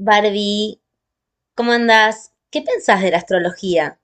Barbie, ¿cómo andás? ¿Qué pensás de la astrología?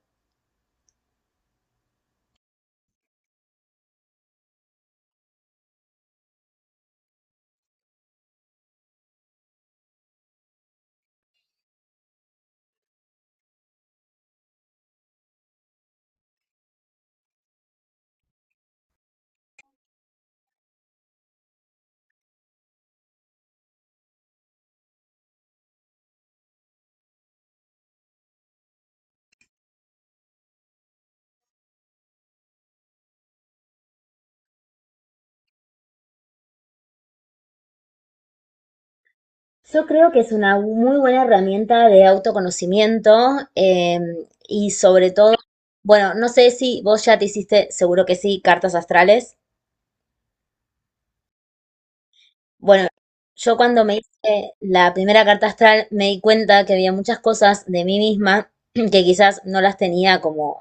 Yo creo que es una muy buena herramienta de autoconocimiento eh, y sobre todo, bueno, no sé si vos ya te hiciste, seguro que sí, cartas astrales. Bueno, yo cuando me hice la primera carta astral me di cuenta que había muchas cosas de mí misma que quizás no las tenía como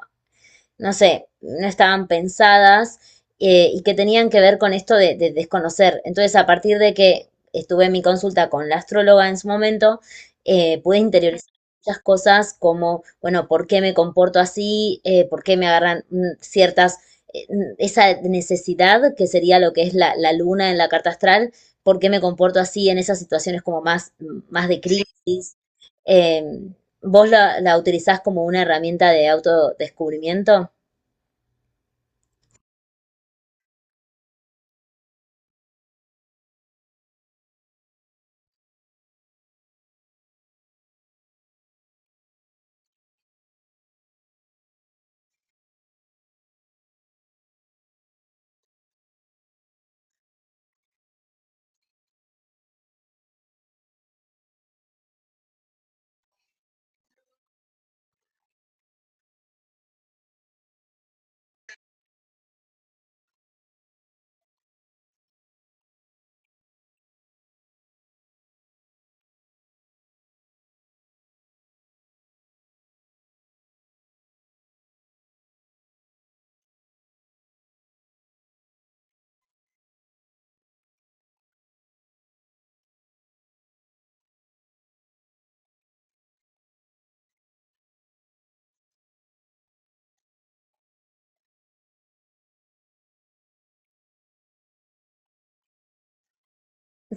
no sé, no estaban pensadas y que tenían que ver con esto de desconocer. Entonces, a partir de que estuve en mi consulta con la astróloga en su momento, pude interiorizar muchas cosas como, bueno, ¿por qué me comporto así? Por qué me agarran ciertas, esa necesidad que sería lo que es la, la luna en la carta astral? ¿Por qué me comporto así en esas situaciones como más, más de crisis? Eh, ¿Vos la, la utilizás como una herramienta de autodescubrimiento?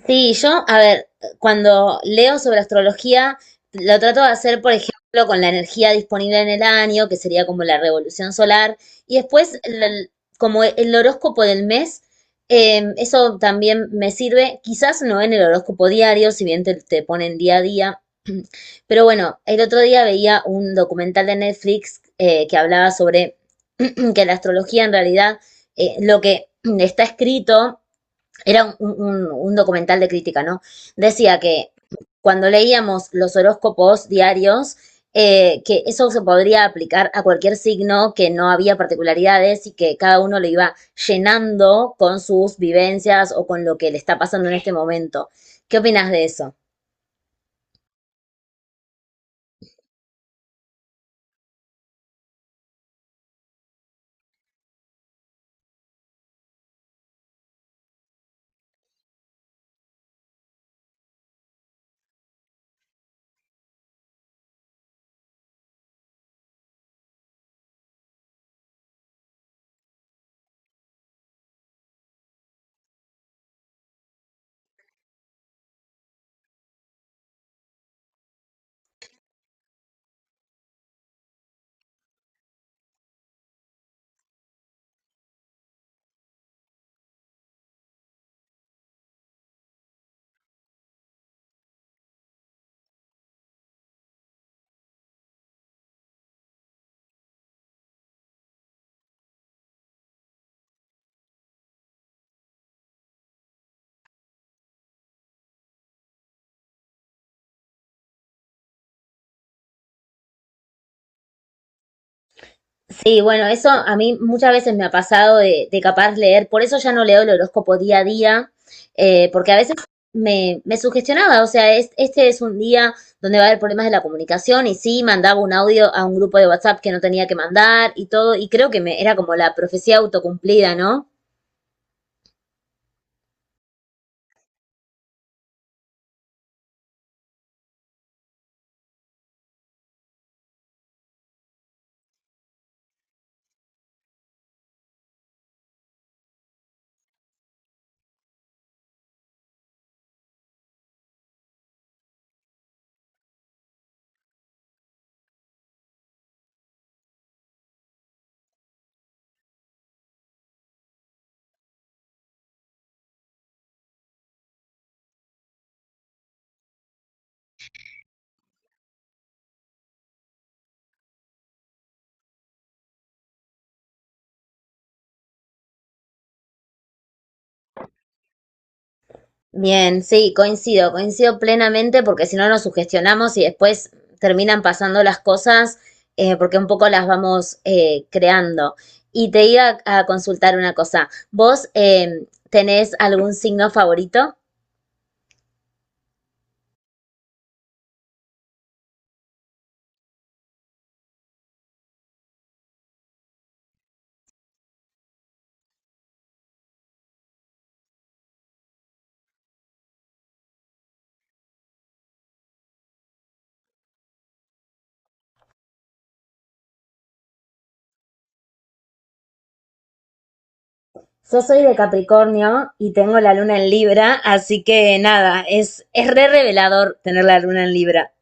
Sí, yo, a ver, cuando leo sobre astrología, lo trato de hacer, por ejemplo, con la energía disponible en el año, que sería como la revolución solar, y como el horóscopo del mes, eso también me sirve, quizás no en el horóscopo diario, si bien te ponen día a día, pero bueno, el otro día veía un documental de Netflix que hablaba sobre que la astrología en realidad, lo que está escrito era un documental de crítica, ¿no? Decía que cuando leíamos los horóscopos diarios, que eso se podría aplicar a cualquier signo, que no había particularidades y que cada uno lo iba llenando con sus vivencias o con lo que le está pasando en este momento. ¿Qué opinas de eso? Sí, bueno, eso a mí muchas veces me ha pasado de capaz leer, por eso ya no leo el horóscopo día a día, porque a veces me sugestionaba, o sea, es, este es un día donde va a haber problemas de la comunicación y sí, mandaba un audio a un grupo de WhatsApp que no tenía que mandar y todo, y creo que me, era como la profecía autocumplida, ¿no? Bien, sí, coincido, coincido plenamente porque si no nos sugestionamos y después terminan pasando las cosas porque un poco las vamos creando. Y te iba a consultar una cosa. ¿Vos tenés algún signo favorito? Yo soy de Capricornio y tengo la luna en Libra, así que nada, es re revelador tener la luna en Libra.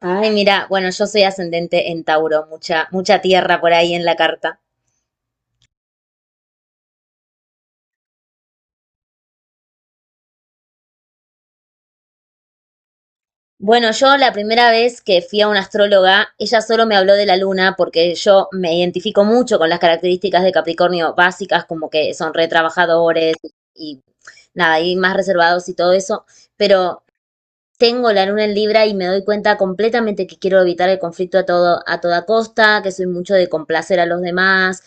Ay, mira, bueno, yo soy ascendente en Tauro, mucha, mucha tierra por ahí en la carta. Bueno, yo la primera vez que fui a una astróloga, ella solo me habló de la luna porque yo me identifico mucho con las características de Capricornio básicas, como que son retrabajadores y nada, y más reservados y todo eso, pero tengo la luna en Libra y me doy cuenta completamente que quiero evitar el conflicto a todo, a toda costa, que soy mucho de complacer a los demás,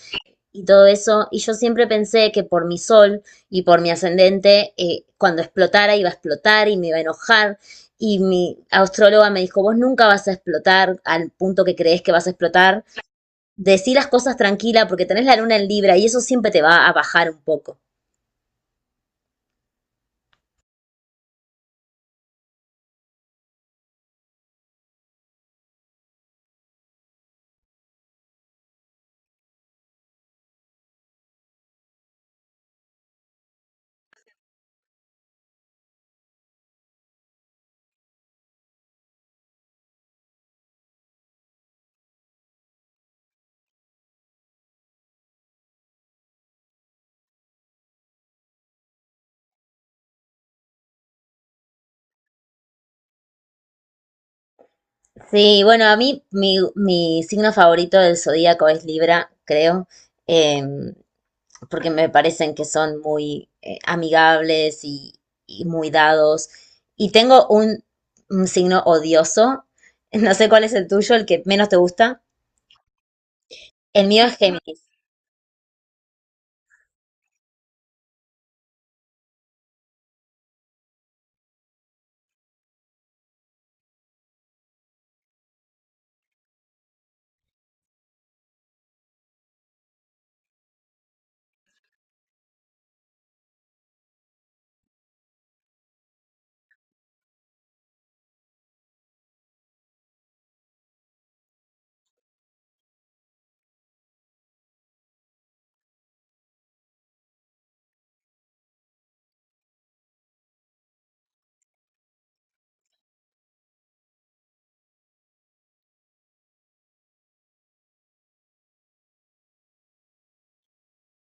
y todo eso. Y yo siempre pensé que por mi sol y por mi ascendente, cuando explotara iba a explotar y me iba a enojar. Y mi astróloga me dijo, vos nunca vas a explotar al punto que crees que vas a explotar. Decí las cosas tranquila porque tenés la luna en Libra y eso siempre te va a bajar un poco. Sí, bueno, a mí mi signo favorito del zodíaco es Libra, creo. Eh, Porque me parecen que son muy amigables y muy dados. Y tengo un signo odioso, no sé cuál es el tuyo, el que menos te gusta. El mío es Géminis.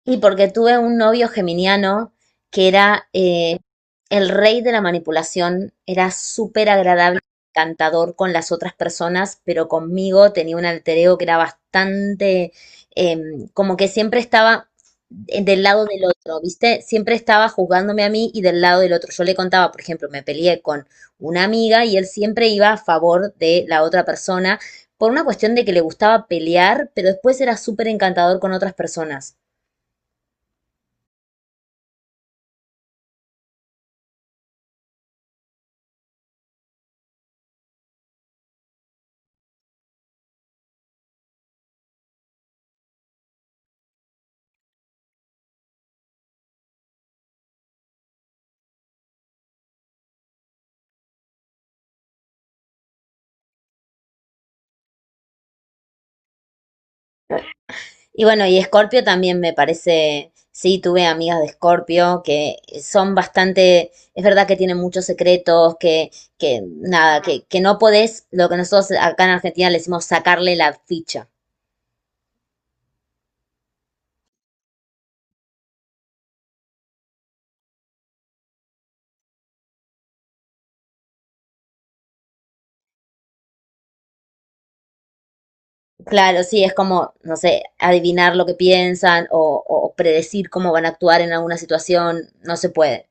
Y porque tuve un novio geminiano que era el rey de la manipulación, era súper agradable, encantador con las otras personas, pero conmigo tenía un alter ego que era bastante, como que siempre estaba del lado del otro, ¿viste? Siempre estaba juzgándome a mí y del lado del otro. Yo le contaba, por ejemplo, me peleé con una amiga y él siempre iba a favor de la otra persona por una cuestión de que le gustaba pelear, pero después era súper encantador con otras personas. Y bueno, y Escorpio también me parece, sí, tuve amigas de Escorpio que son bastante, es verdad que tienen muchos secretos, que nada, que no podés, lo que nosotros acá en Argentina le decimos sacarle la ficha. Claro, sí, es como, no sé, adivinar lo que piensan o predecir cómo van a actuar en alguna situación, no se puede.